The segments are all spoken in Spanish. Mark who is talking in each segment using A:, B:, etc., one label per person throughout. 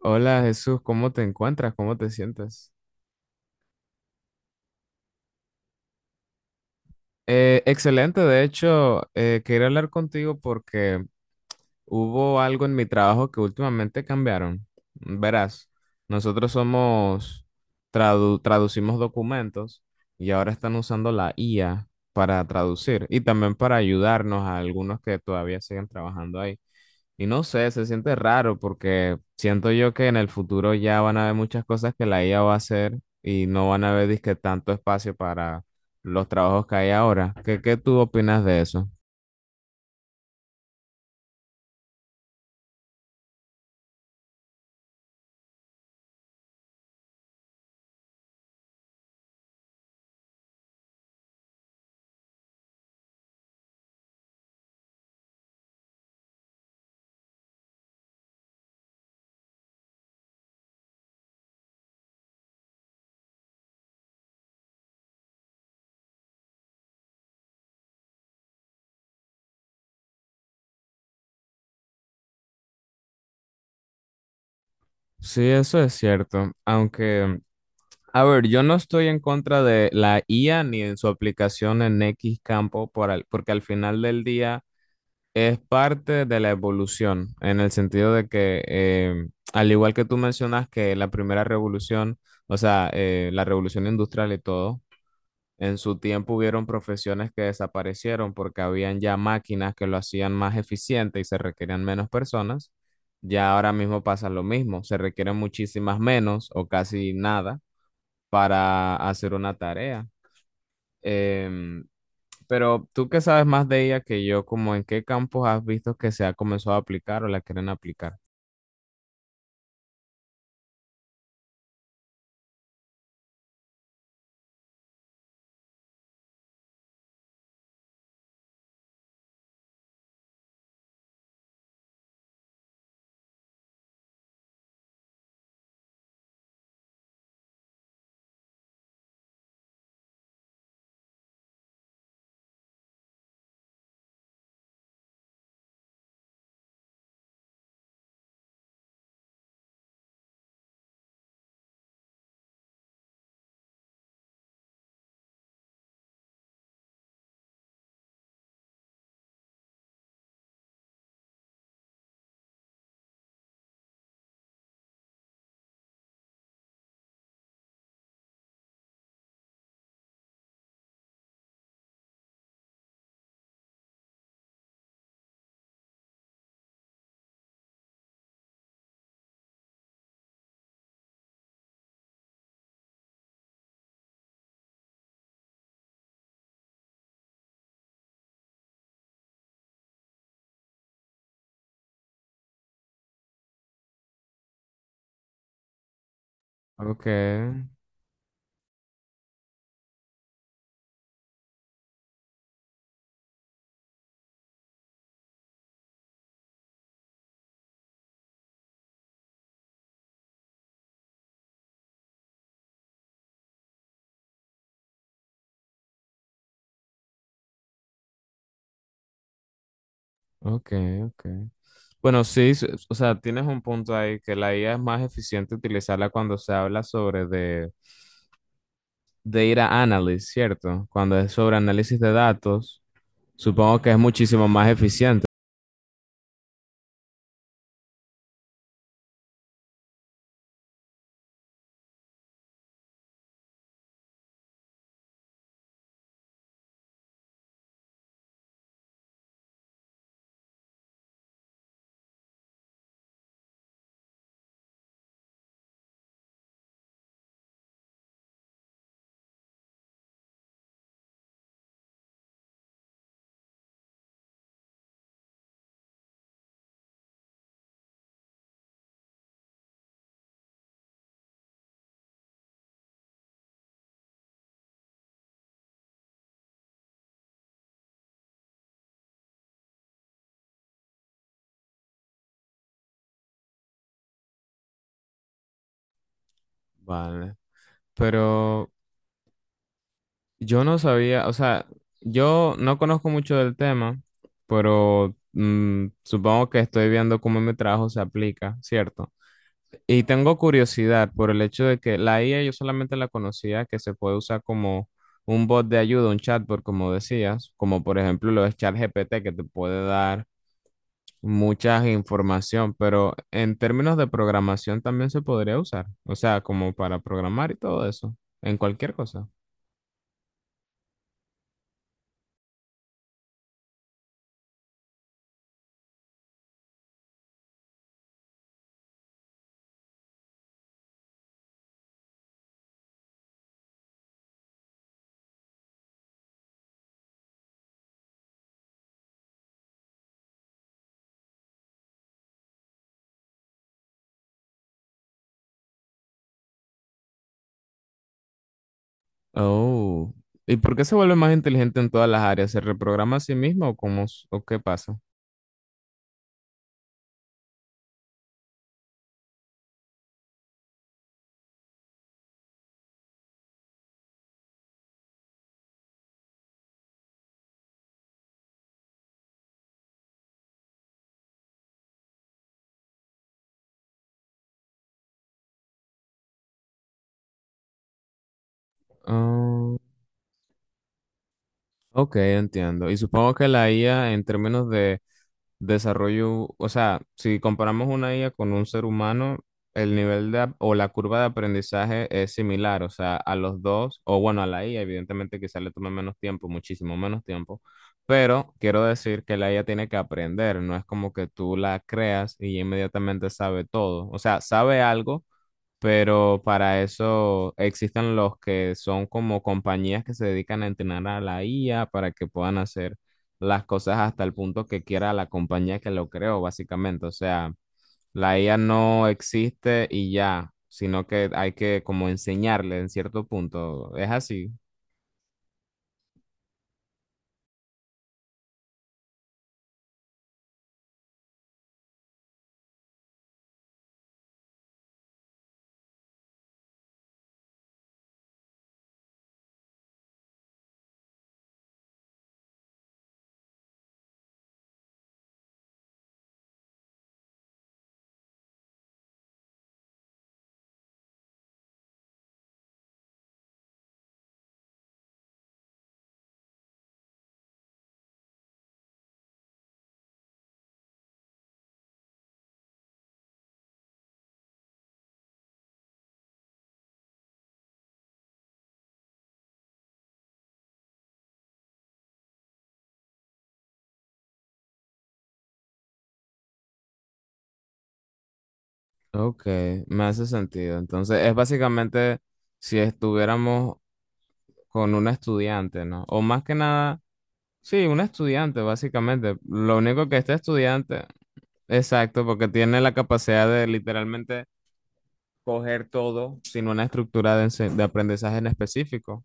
A: Hola Jesús, ¿cómo te encuentras? ¿Cómo te sientes? Excelente, de hecho, quería hablar contigo porque hubo algo en mi trabajo que últimamente cambiaron. Verás, nosotros somos, traducimos documentos y ahora están usando la IA para traducir y también para ayudarnos a algunos que todavía siguen trabajando ahí. Y no sé, se siente raro porque siento yo que en el futuro ya van a haber muchas cosas que la IA va a hacer y no van a haber disque tanto espacio para los trabajos que hay ahora. ¿Qué tú opinas de eso? Sí, eso es cierto, aunque a ver, yo no estoy en contra de la IA ni en su aplicación en X campo, porque al final del día es parte de la evolución, en el sentido de que, al igual que tú mencionas que la primera revolución, o sea, la revolución industrial y todo, en su tiempo hubieron profesiones que desaparecieron porque habían ya máquinas que lo hacían más eficiente y se requerían menos personas. Ya ahora mismo pasa lo mismo, se requieren muchísimas menos o casi nada para hacer una tarea. Em, pero tú que sabes más de ella que yo, como en qué campos has visto que se ha comenzado a aplicar o la quieren aplicar. Ok, ok, ok. Bueno, sí, o sea, tienes un punto ahí, que la IA es más eficiente utilizarla cuando se habla sobre de data analysis, ¿cierto? Cuando es sobre análisis de datos, supongo que es muchísimo más eficiente. Vale. Pero yo no sabía, o sea, yo no conozco mucho del tema, pero supongo que estoy viendo cómo mi trabajo se aplica, ¿cierto? Y tengo curiosidad por el hecho de que la IA yo solamente la conocía que se puede usar como un bot de ayuda, un chatbot, como decías, como por ejemplo lo de ChatGPT que te puede dar mucha información, pero en términos de programación también se podría usar, o sea, como para programar y todo eso, en cualquier cosa. Oh. ¿Y por qué se vuelve más inteligente en todas las áreas? ¿Se reprograma a sí mismo o cómo, o qué pasa? Oh, ok, entiendo. Y supongo que la IA en términos de desarrollo, o sea, si comparamos una IA con un ser humano, el nivel de, o la curva de aprendizaje es similar, o sea, a los dos, o bueno, a la IA, evidentemente quizá le tome menos tiempo, muchísimo menos tiempo, pero quiero decir que la IA tiene que aprender, no es como que tú la creas y inmediatamente sabe todo, o sea, sabe algo pero para eso existen los que son como compañías que se dedican a entrenar a la IA para que puedan hacer las cosas hasta el punto que quiera la compañía que lo creó, básicamente. O sea, la IA no existe y ya, sino que hay que como enseñarle en cierto punto. Es así. Ok, me hace sentido. Entonces, es básicamente si estuviéramos con un estudiante, ¿no? O más que nada sí, un estudiante, básicamente. Lo único que este estudiante, exacto, porque tiene la capacidad de literalmente coger todo sin una estructura de, de aprendizaje en específico.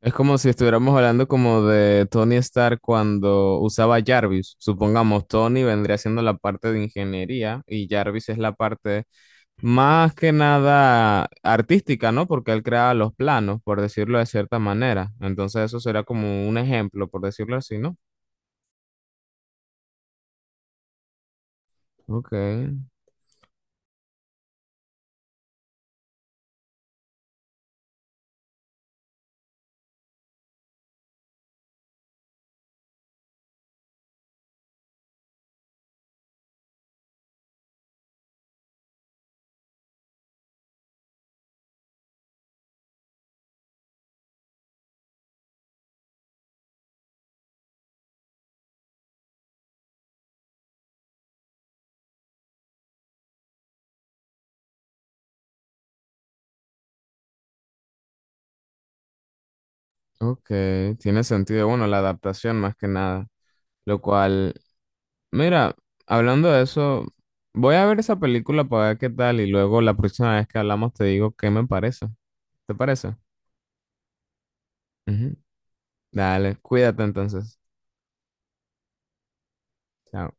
A: Es como si estuviéramos hablando como de Tony Stark cuando usaba Jarvis. Supongamos, Tony vendría siendo la parte de ingeniería y Jarvis es la parte más que nada artística, ¿no? Porque él creaba los planos, por decirlo de cierta manera. Entonces eso será como un ejemplo, por decirlo así, ¿no? Ok. Ok, tiene sentido. Bueno, la adaptación más que nada. Lo cual, mira, hablando de eso, voy a ver esa película para ver qué tal y luego la próxima vez que hablamos te digo qué me parece. ¿Te parece? Ujú. Dale, cuídate entonces. Chao.